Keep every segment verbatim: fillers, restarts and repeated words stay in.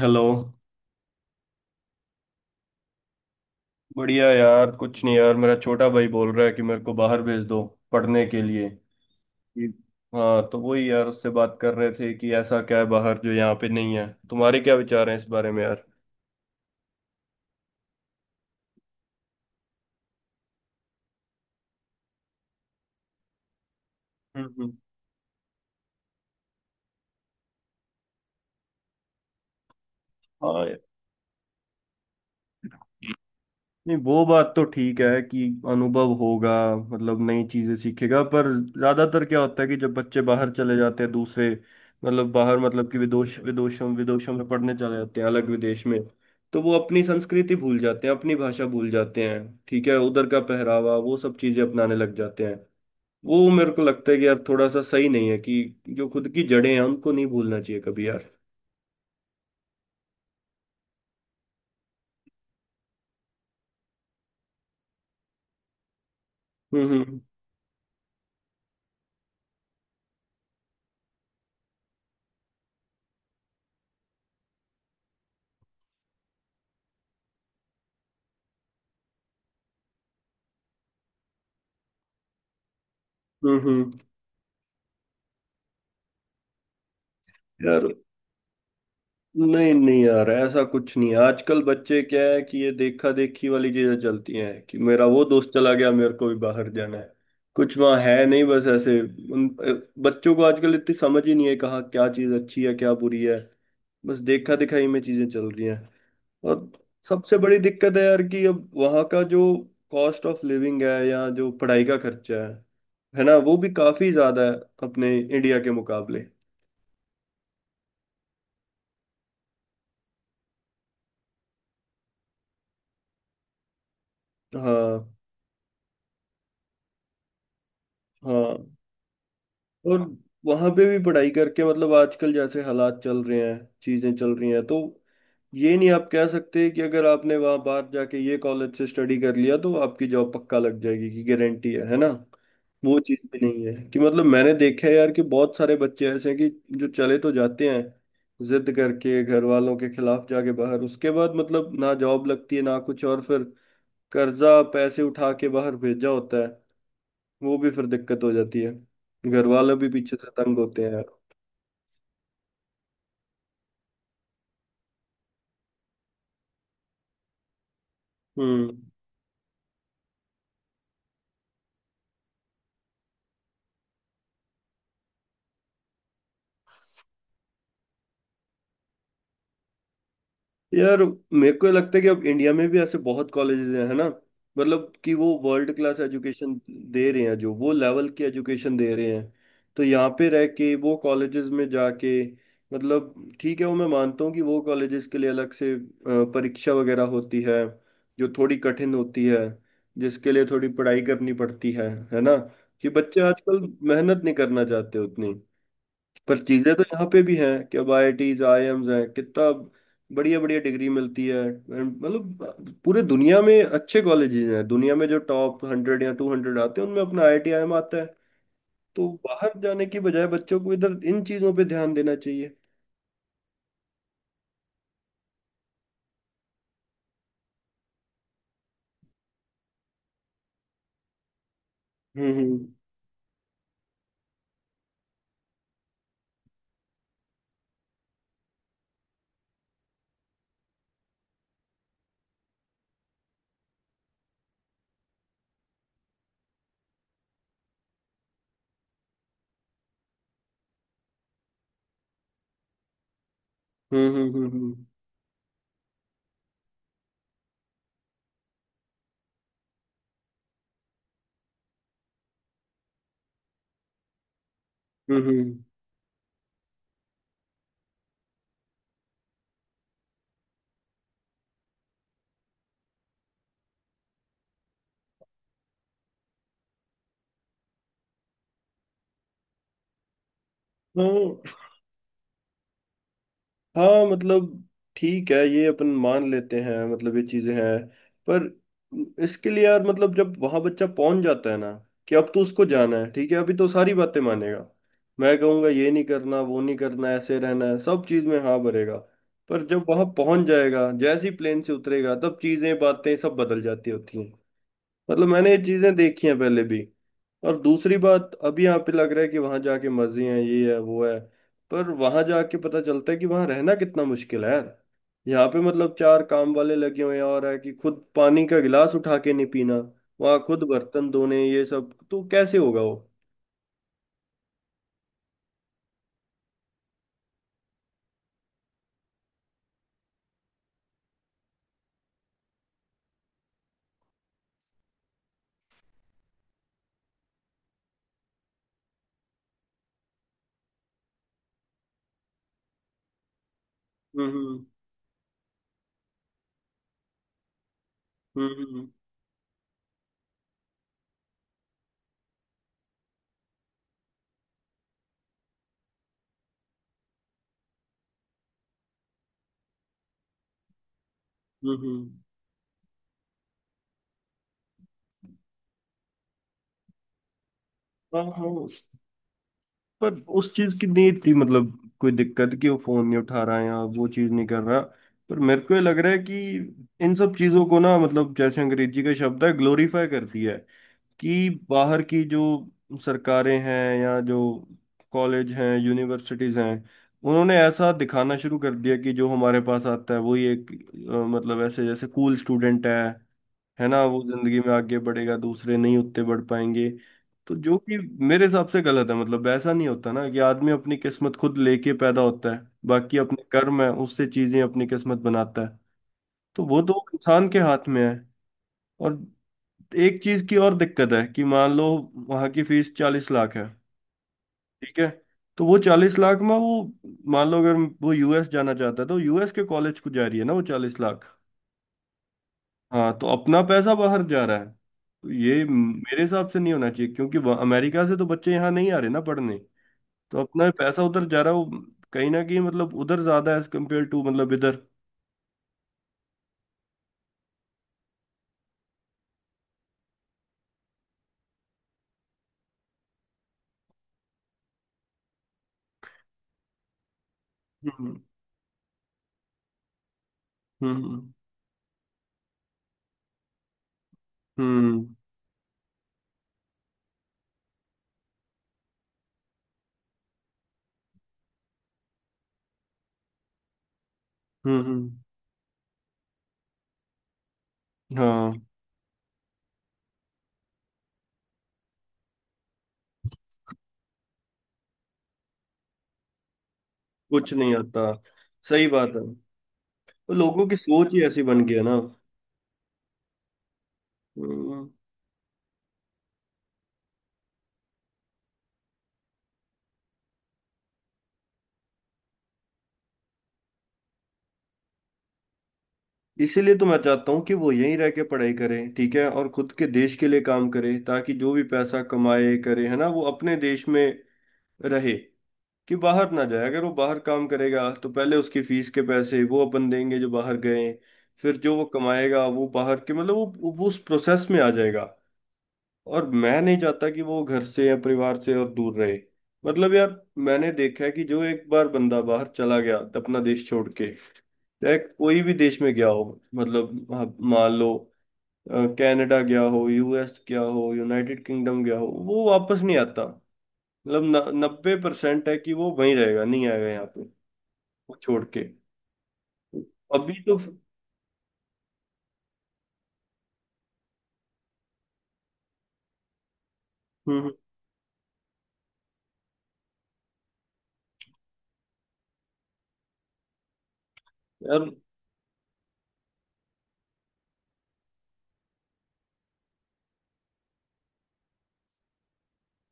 Hello. बढ़िया यार, कुछ नहीं यार, मेरा छोटा भाई बोल रहा है कि मेरे को बाहर भेज दो पढ़ने के लिए। कि- हाँ तो वही यार, उससे बात कर रहे थे कि ऐसा क्या है बाहर जो यहाँ पे नहीं है। तुम्हारे क्या विचार हैं इस बारे में यार? हम्म हम्म। हाँ यार। नहीं, वो बात तो ठीक है कि अनुभव होगा, मतलब नई चीजें सीखेगा। पर ज्यादातर क्या होता है कि जब बच्चे बाहर चले जाते हैं दूसरे, मतलब बाहर मतलब कि विदेश विदेशों विदेशों में पढ़ने चले जाते हैं अलग विदेश में, तो वो अपनी संस्कृति भूल जाते हैं, अपनी भाषा भूल जाते हैं। ठीक है, उधर का पहरावा वो सब चीजें अपनाने लग जाते हैं। वो मेरे को लगता है कि यार थोड़ा सा सही नहीं है, कि जो खुद की जड़ें हैं उनको नहीं भूलना चाहिए कभी यार। हम्म, हम्म, हम्म, हम्म, यार। नहीं नहीं यार, ऐसा कुछ नहीं है। आजकल बच्चे क्या है कि ये देखा देखी वाली चीजें चलती हैं, कि मेरा वो दोस्त चला गया मेरे को भी बाहर जाना है। कुछ वहाँ है नहीं, बस ऐसे। उन बच्चों को आजकल इतनी समझ ही नहीं है कहाँ क्या चीज अच्छी है क्या बुरी है, बस देखा दिखाई में चीजें चल रही हैं। और सबसे बड़ी दिक्कत है यार कि अब वहाँ का जो कॉस्ट ऑफ लिविंग है या जो पढ़ाई का खर्चा है है ना, वो भी काफी ज्यादा है अपने इंडिया के मुकाबले। हाँ हाँ। और वहां पे भी पढ़ाई करके मतलब आजकल जैसे हालात चल रहे हैं चीजें चल रही हैं, तो ये नहीं आप कह सकते कि अगर आपने वहां बाहर जाके ये कॉलेज से स्टडी कर लिया तो आपकी जॉब पक्का लग जाएगी, कि गारंटी है है ना। वो चीज भी नहीं है, कि मतलब मैंने देखा है यार कि बहुत सारे बच्चे ऐसे हैं कि जो चले तो जाते हैं जिद करके घर वालों के खिलाफ जाके बाहर, उसके बाद मतलब ना जॉब लगती है ना कुछ, और फिर कर्जा पैसे उठा के बाहर भेजा होता है, वो भी फिर दिक्कत हो जाती है। घर वाले भी पीछे से तंग होते हैं यार। हम्म यार, मेरे को ये लगता है कि अब इंडिया में भी ऐसे बहुत कॉलेजेस हैं, है ना, मतलब कि वो वर्ल्ड क्लास एजुकेशन दे रहे हैं, जो वो लेवल की एजुकेशन दे रहे हैं। तो यहाँ पे रह के वो कॉलेजेस में जाके, मतलब ठीक है, वो मैं मानता हूँ कि वो कॉलेजेस के लिए अलग से अ, परीक्षा वगैरह होती है, जो थोड़ी कठिन होती है, जिसके लिए थोड़ी पढ़ाई करनी पड़ती है है ना। कि बच्चे आजकल मेहनत नहीं करना चाहते उतनी। पर चीजें तो यहाँ पे भी हैं कि अब आई I Ts I I AIIMS हैं, कितना बढ़िया बढ़िया डिग्री मिलती है। And मतलब पूरे दुनिया में अच्छे कॉलेजेस हैं, दुनिया में जो टॉप हंड्रेड या टू हंड्रेड आते हैं उनमें अपना आई I T I I am आता है। तो बाहर जाने की बजाय बच्चों को इधर इन चीजों पे ध्यान देना चाहिए। हम्म, हम्म, हम्म, हम्म, हम्म, हम्म, हम्म, हम्म। हाँ मतलब ठीक है, ये अपन मान लेते हैं, मतलब ये चीजें हैं। पर इसके लिए यार, मतलब जब वहां बच्चा पहुंच जाता है ना, कि अब तो उसको जाना है ठीक है, अभी तो सारी बातें मानेगा। मैं कहूँगा ये नहीं करना वो नहीं करना ऐसे रहना है, सब चीज में हाँ भरेगा। पर जब वहां पहुंच जाएगा, जैसे ही प्लेन से उतरेगा, तब चीजें बातें सब बदल जाती होती हैं, मतलब मैंने ये चीजें देखी हैं पहले भी। और दूसरी बात, अभी यहाँ पे लग रहा है कि वहां जाके मजे हैं, ये है वो है, पर वहां जाके पता चलता है कि वहां रहना कितना मुश्किल है यार। यहाँ पे मतलब चार काम वाले लगे हुए हैं और है कि खुद पानी का गिलास उठा के नहीं पीना, वहां खुद बर्तन धोने ये सब तो कैसे होगा वो। हम्म, हम्म, हम्म, हम्म, हम्म, हम्म। हाँ हाँ। पर उस चीज की नहीं थी मतलब कोई दिक्कत, कि वो फोन नहीं उठा रहा है या वो चीज नहीं कर रहा। पर मेरे को ये लग रहा है कि इन सब चीजों को ना, मतलब जैसे अंग्रेजी का शब्द है, ग्लोरीफाई करती है। कि बाहर की जो सरकारें हैं या जो कॉलेज हैं यूनिवर्सिटीज हैं, उन्होंने ऐसा दिखाना शुरू कर दिया कि जो हमारे पास आता है वही एक अ, मतलब ऐसे जैसे कूल स्टूडेंट है है ना, वो जिंदगी में आगे बढ़ेगा, दूसरे नहीं उतने बढ़ पाएंगे। तो जो कि मेरे हिसाब से गलत है, मतलब ऐसा नहीं होता ना कि आदमी अपनी किस्मत खुद लेके पैदा होता है। बाकी अपने कर्म है, उससे चीजें अपनी किस्मत बनाता है, तो वो तो इंसान के हाथ में है। और एक चीज की और दिक्कत है कि मान लो वहां की फीस चालीस लाख है। ठीक है, तो वो चालीस लाख में वो, मान लो अगर वो यू एस जाना चाहता है तो यू एस के कॉलेज को जा रही है ना वो चालीस लाख। हाँ, तो अपना पैसा बाहर जा रहा है। तो ये मेरे हिसाब से नहीं होना चाहिए क्योंकि वहाँ- अमेरिका से तो बच्चे यहाँ नहीं आ रहे ना पढ़ने। तो अपना पैसा उधर जा रहा है वो, कहीं ना कहीं मतलब उधर ज्यादा है एज कम्पेयर टू मतलब इधर। हम्म, हम्म, हम्म, हम्म, हम्म, हम्म। हाँ कुछ नहीं आता, सही बात है। तो लोगों की सोच ही ऐसी बन गई है ना। हम्म। इसीलिए तो मैं चाहता हूँ कि वो यहीं रह के पढ़ाई करें, ठीक है, और खुद के देश के लिए काम करे, ताकि जो भी पैसा कमाए करे, है ना, वो अपने देश में रहे। कि बाहर ना जाए। अगर वो बाहर काम करेगा तो पहले उसकी फीस के पैसे वो अपन देंगे जो बाहर गए, फिर जो वो कमाएगा वो बाहर के मतलब वो, वो उस प्रोसेस में आ जाएगा। और मैं नहीं चाहता कि वो घर से या परिवार से और दूर रहे, मतलब यार, मैंने देखा है कि जो एक बार बंदा बाहर चला गया अपना देश छोड़ के, चाहे कोई भी देश में गया हो, मतलब आप मान लो अ, कनाडा गया हो, यू एस गया हो, यूनाइटेड किंगडम गया हो, वो वापस नहीं आता। मतलब नब्बे परसेंट है कि वो वहीं रहेगा, नहीं आएगा यहाँ, वो छोड़ के। अभी तो हम्म हम्म, यार,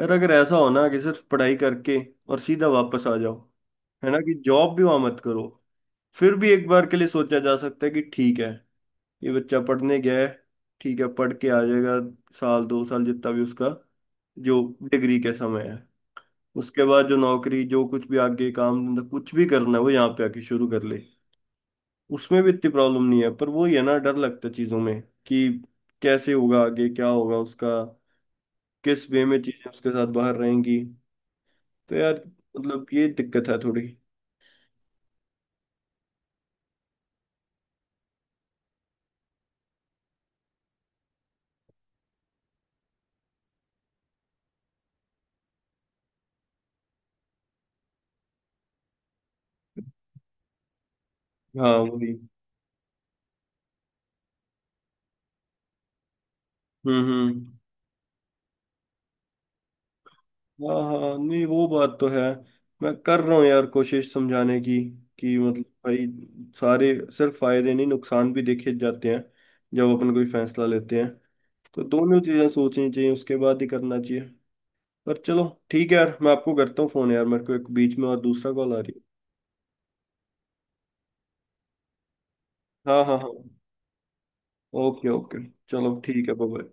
यार अगर ऐसा हो ना कि सिर्फ पढ़ाई करके और सीधा वापस आ जाओ, है ना, कि जॉब भी वहां मत करो, फिर भी एक बार के लिए सोचा जा सकता है कि ठीक है, ये बच्चा पढ़ने गया है, ठीक है पढ़ के आ जाएगा, साल दो साल जितना भी उसका जो डिग्री का समय है, उसके बाद जो नौकरी जो कुछ भी आगे काम धंधा कुछ भी करना है वो यहाँ पे आके शुरू कर ले। उसमें भी इतनी प्रॉब्लम नहीं है, पर वही है ना, डर लगता है चीजों में कि कैसे होगा, आगे क्या होगा उसका, किस वे में चीजें उसके साथ बाहर रहेंगी। तो यार मतलब ये दिक्कत है थोड़ी। हाँ वही। हम्म हम्म। हाँ हाँ, नहीं वो बात तो है। मैं कर रहा हूँ यार कोशिश समझाने की, कि मतलब भाई सारे, सिर्फ फायदे नहीं नुकसान भी देखे जाते हैं, जब अपन कोई फैसला लेते हैं, तो दोनों चीजें सोचनी चाहिए उसके बाद ही करना चाहिए। पर चलो ठीक है यार, मैं आपको करता हूँ फोन यार, मेरे को एक बीच में और दूसरा कॉल आ रही है। हाँ हाँ हाँ। Okay okay. चलो ठीक है, बाय।